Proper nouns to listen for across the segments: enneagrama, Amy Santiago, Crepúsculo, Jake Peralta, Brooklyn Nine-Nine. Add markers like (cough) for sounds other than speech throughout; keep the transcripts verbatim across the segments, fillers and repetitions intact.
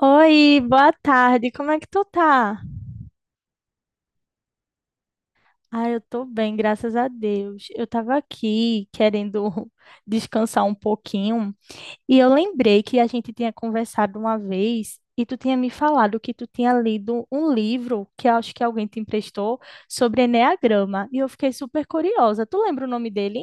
Oi, boa tarde. Como é que tu tá? Ah, eu tô bem, graças a Deus. Eu tava aqui querendo (laughs) descansar um pouquinho e eu lembrei que a gente tinha conversado uma vez e tu tinha me falado que tu tinha lido um livro que eu acho que alguém te emprestou sobre enneagrama e eu fiquei super curiosa. Tu lembra o nome dele?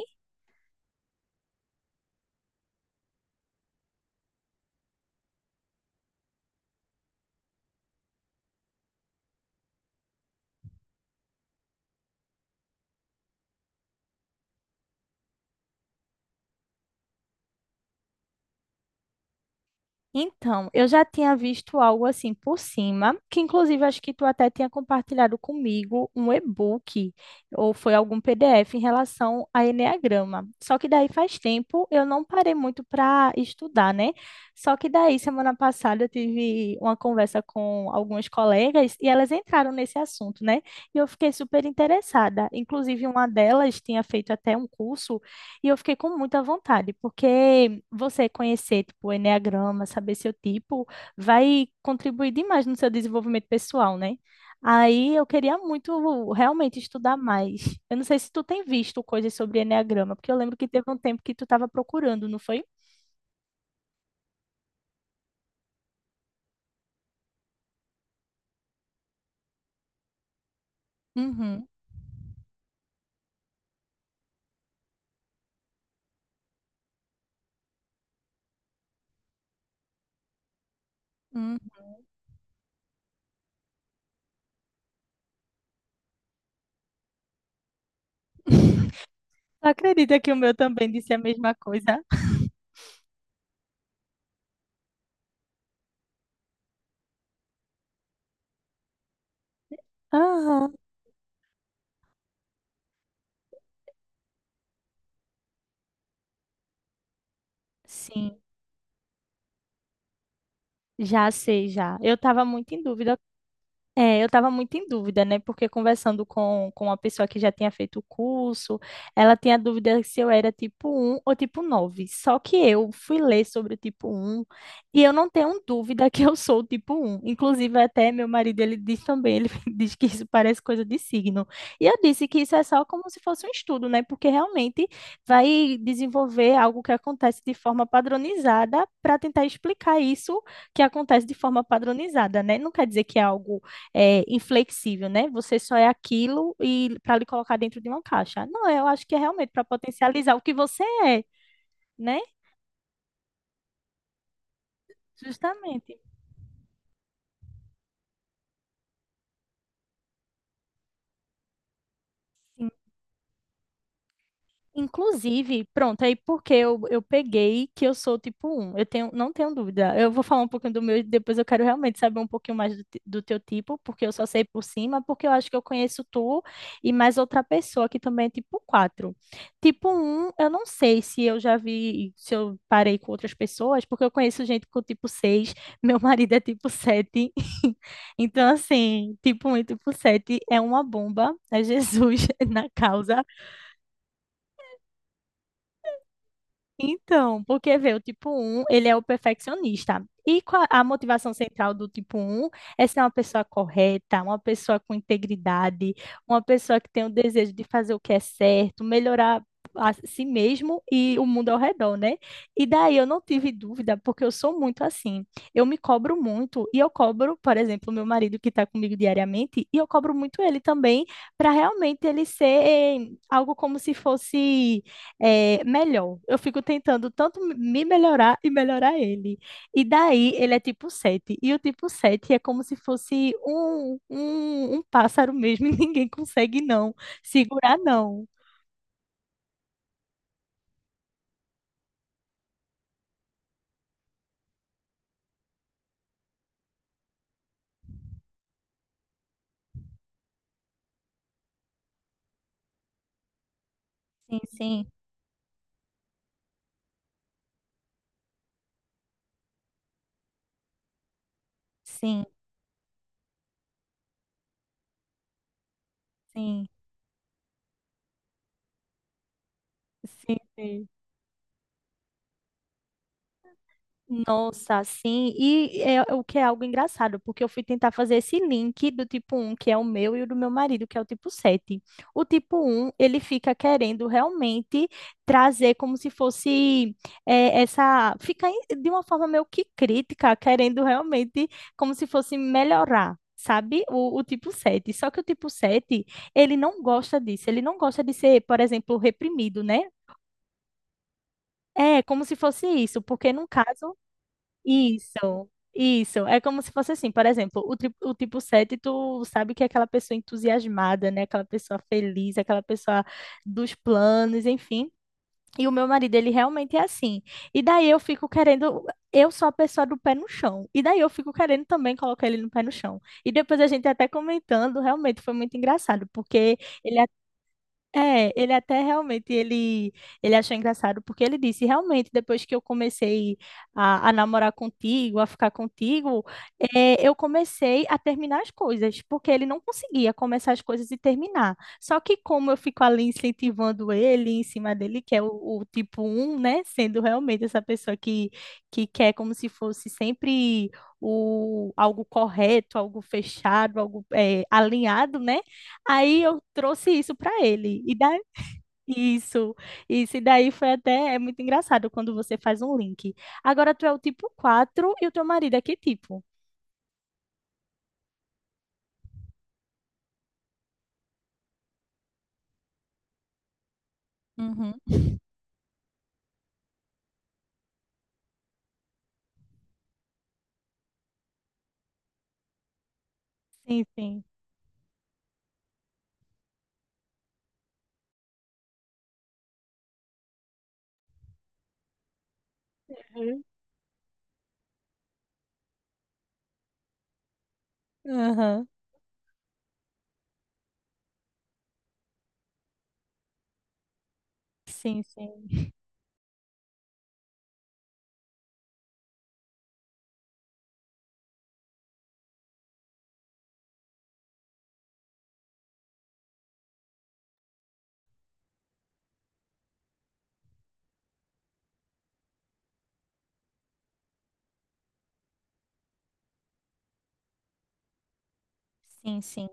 Então, eu já tinha visto algo assim por cima, que inclusive acho que tu até tinha compartilhado comigo um e-book ou foi algum P D F em relação a enneagrama. Só que daí faz tempo eu não parei muito para estudar, né? Só que daí semana passada eu tive uma conversa com algumas colegas e elas entraram nesse assunto, né? E eu fiquei super interessada. Inclusive uma delas tinha feito até um curso e eu fiquei com muita vontade, porque você conhecer, tipo, o enneagrama, saber seu tipo, vai contribuir demais no seu desenvolvimento pessoal, né? Aí eu queria muito realmente estudar mais. Eu não sei se tu tem visto coisas sobre enneagrama, porque eu lembro que teve um tempo que tu estava procurando, não foi? Uhum. Uhum. (laughs) Tu acredita que o meu também disse a mesma coisa? Aham. Sim, já sei, já. Eu estava muito em dúvida. É, eu estava muito em dúvida, né? Porque conversando com, com uma pessoa que já tinha feito o curso, ela tinha dúvida se eu era tipo um ou tipo nove. Só que eu fui ler sobre o tipo um e eu não tenho dúvida que eu sou o tipo um. Inclusive, até meu marido, ele diz também, ele (laughs) diz que isso parece coisa de signo. E eu disse que isso é só como se fosse um estudo, né? Porque realmente vai desenvolver algo que acontece de forma padronizada para tentar explicar isso que acontece de forma padronizada, né? Não quer dizer que é algo é, inflexível, né? Você só é aquilo e para lhe colocar dentro de uma caixa. Não, eu acho que é realmente para potencializar o que você é, né? Justamente. Inclusive, pronto, aí porque eu, eu peguei que eu sou tipo um. Eu tenho, não tenho dúvida. Eu vou falar um pouquinho do meu e depois eu quero realmente saber um pouquinho mais do, te- do teu tipo, porque eu só sei por cima, porque eu acho que eu conheço tu e mais outra pessoa que também é tipo quatro. Tipo um eu não sei se eu já vi, se eu parei com outras pessoas, porque eu conheço gente com tipo seis. (laughs) Meu marido é tipo sete. (laughs) Então, assim, tipo um e tipo sete é uma bomba, é Jesus (laughs) na causa. Então, porque vê, o tipo um, ele é o perfeccionista. E qua- a motivação central do tipo um é ser uma pessoa correta, uma pessoa com integridade, uma pessoa que tem o desejo de fazer o que é certo, melhorar a si mesmo e o mundo ao redor, né? E daí eu não tive dúvida, porque eu sou muito assim. Eu me cobro muito e eu cobro, por exemplo, meu marido que está comigo diariamente, e eu cobro muito ele também, para realmente ele ser eh, algo como se fosse é, melhor. Eu fico tentando tanto me melhorar e melhorar ele. E daí ele é tipo sete. E o tipo sete é como se fosse um, um, um pássaro mesmo, (laughs) e ninguém consegue não segurar, não. Sim, sim, sim, sim. Sim, sim. Nossa, sim. E é o que é algo engraçado, porque eu fui tentar fazer esse link do tipo um que é o meu, e o do meu marido, que é o tipo sete. O tipo um ele fica querendo realmente trazer como se fosse eh, essa. Fica em- de uma forma meio que crítica, querendo realmente como se fosse melhorar. Sabe? O, o tipo sete. Só que o tipo sete ele não gosta disso. Ele não gosta de ser, por exemplo, reprimido, né? É, como se fosse isso, porque num caso isso, isso. É como se fosse assim, por exemplo, o, tri- o tipo sete tu sabe que é aquela pessoa entusiasmada, né? Aquela pessoa feliz, aquela pessoa dos planos, enfim. E o meu marido, ele realmente é assim. E daí eu fico querendo. Eu sou a pessoa do pé no chão. E daí eu fico querendo também colocar ele no pé no chão. E depois a gente até comentando, realmente foi muito engraçado, porque ele é, ele até realmente, ele, ele achou engraçado, porque ele disse, realmente, depois que eu comecei a, a namorar contigo, a ficar contigo, eh, eu comecei a terminar as coisas, porque ele não conseguia começar as coisas e terminar. Só que como eu fico ali incentivando ele, em cima dele, que é o, o tipo um né, sendo realmente essa pessoa que, que quer como se fosse sempre o, algo correto, algo fechado, algo eh, alinhado, né? Aí eu trouxe isso para ele. E daí, isso, isso. E daí foi até, é muito engraçado quando você faz um link. Agora tu é o tipo quatro e o teu marido é que tipo? Uhum. Sim, sim. Uhum. Aham. Sim, sim. Sim, sim,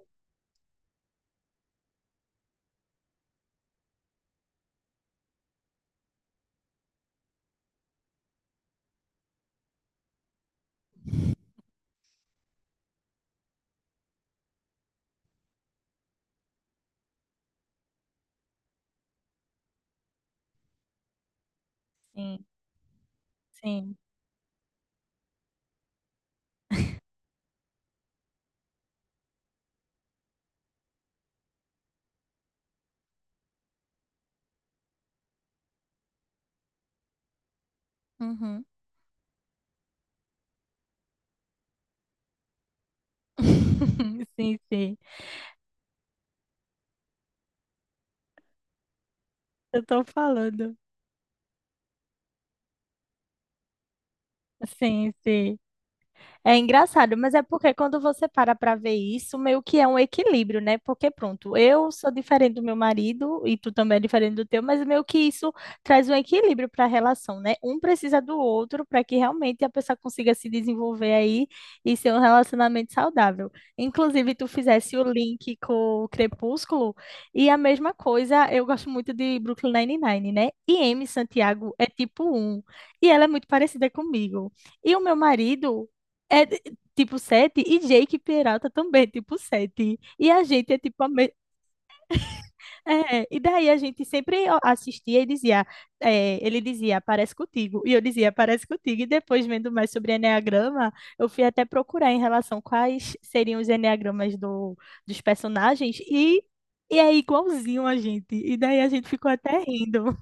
sim, sim. Uhum. (laughs) Sim, sim. Eu tô falando. Sim, sim. É engraçado, mas é porque quando você para para ver isso, meio que é um equilíbrio, né? Porque pronto, eu sou diferente do meu marido e tu também é diferente do teu, mas meio que isso traz um equilíbrio para a relação, né? Um precisa do outro para que realmente a pessoa consiga se desenvolver aí e ser um relacionamento saudável. Inclusive, tu fizesse o link com o Crepúsculo e a mesma coisa, eu gosto muito de Brooklyn Nine-Nine, né? E Amy Santiago é tipo um e ela é muito parecida comigo. E o meu marido é tipo sete e Jake Peralta também, é tipo sete. E a gente é tipo a me... é, e daí a gente sempre ó, assistia e dizia, é, ele dizia, parece contigo, e eu dizia, parece contigo. E depois vendo mais sobre enneagrama, eu fui até procurar em relação quais seriam os enneagramas do, dos personagens e e é igualzinho a gente. E daí a gente ficou até rindo.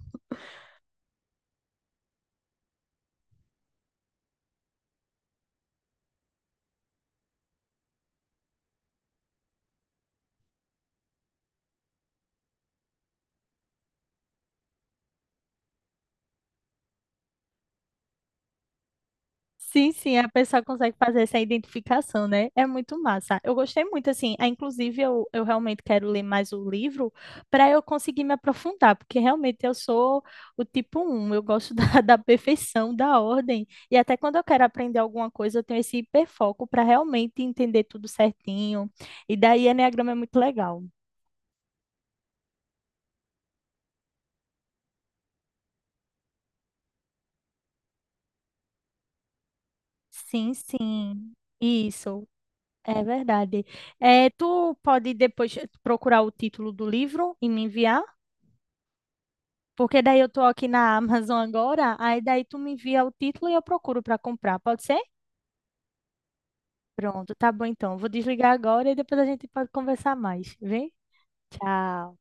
Sim, sim, a pessoa consegue fazer essa identificação, né? É muito massa. Eu gostei muito, assim. ah, Inclusive, eu, eu realmente quero ler mais o livro para eu conseguir me aprofundar, porque realmente eu sou o tipo um. Eu gosto da, (laughs) da perfeição, da ordem. E até quando eu quero aprender alguma coisa, eu tenho esse hiperfoco para realmente entender tudo certinho. E daí, Eneagrama é muito legal. Sim, sim. Isso. É verdade. Eh, tu pode depois procurar o título do livro e me enviar? Porque daí eu tô aqui na Amazon agora, aí daí tu me envia o título e eu procuro para comprar, pode ser? Pronto, tá bom então. Vou desligar agora e depois a gente pode conversar mais, vem? Tchau.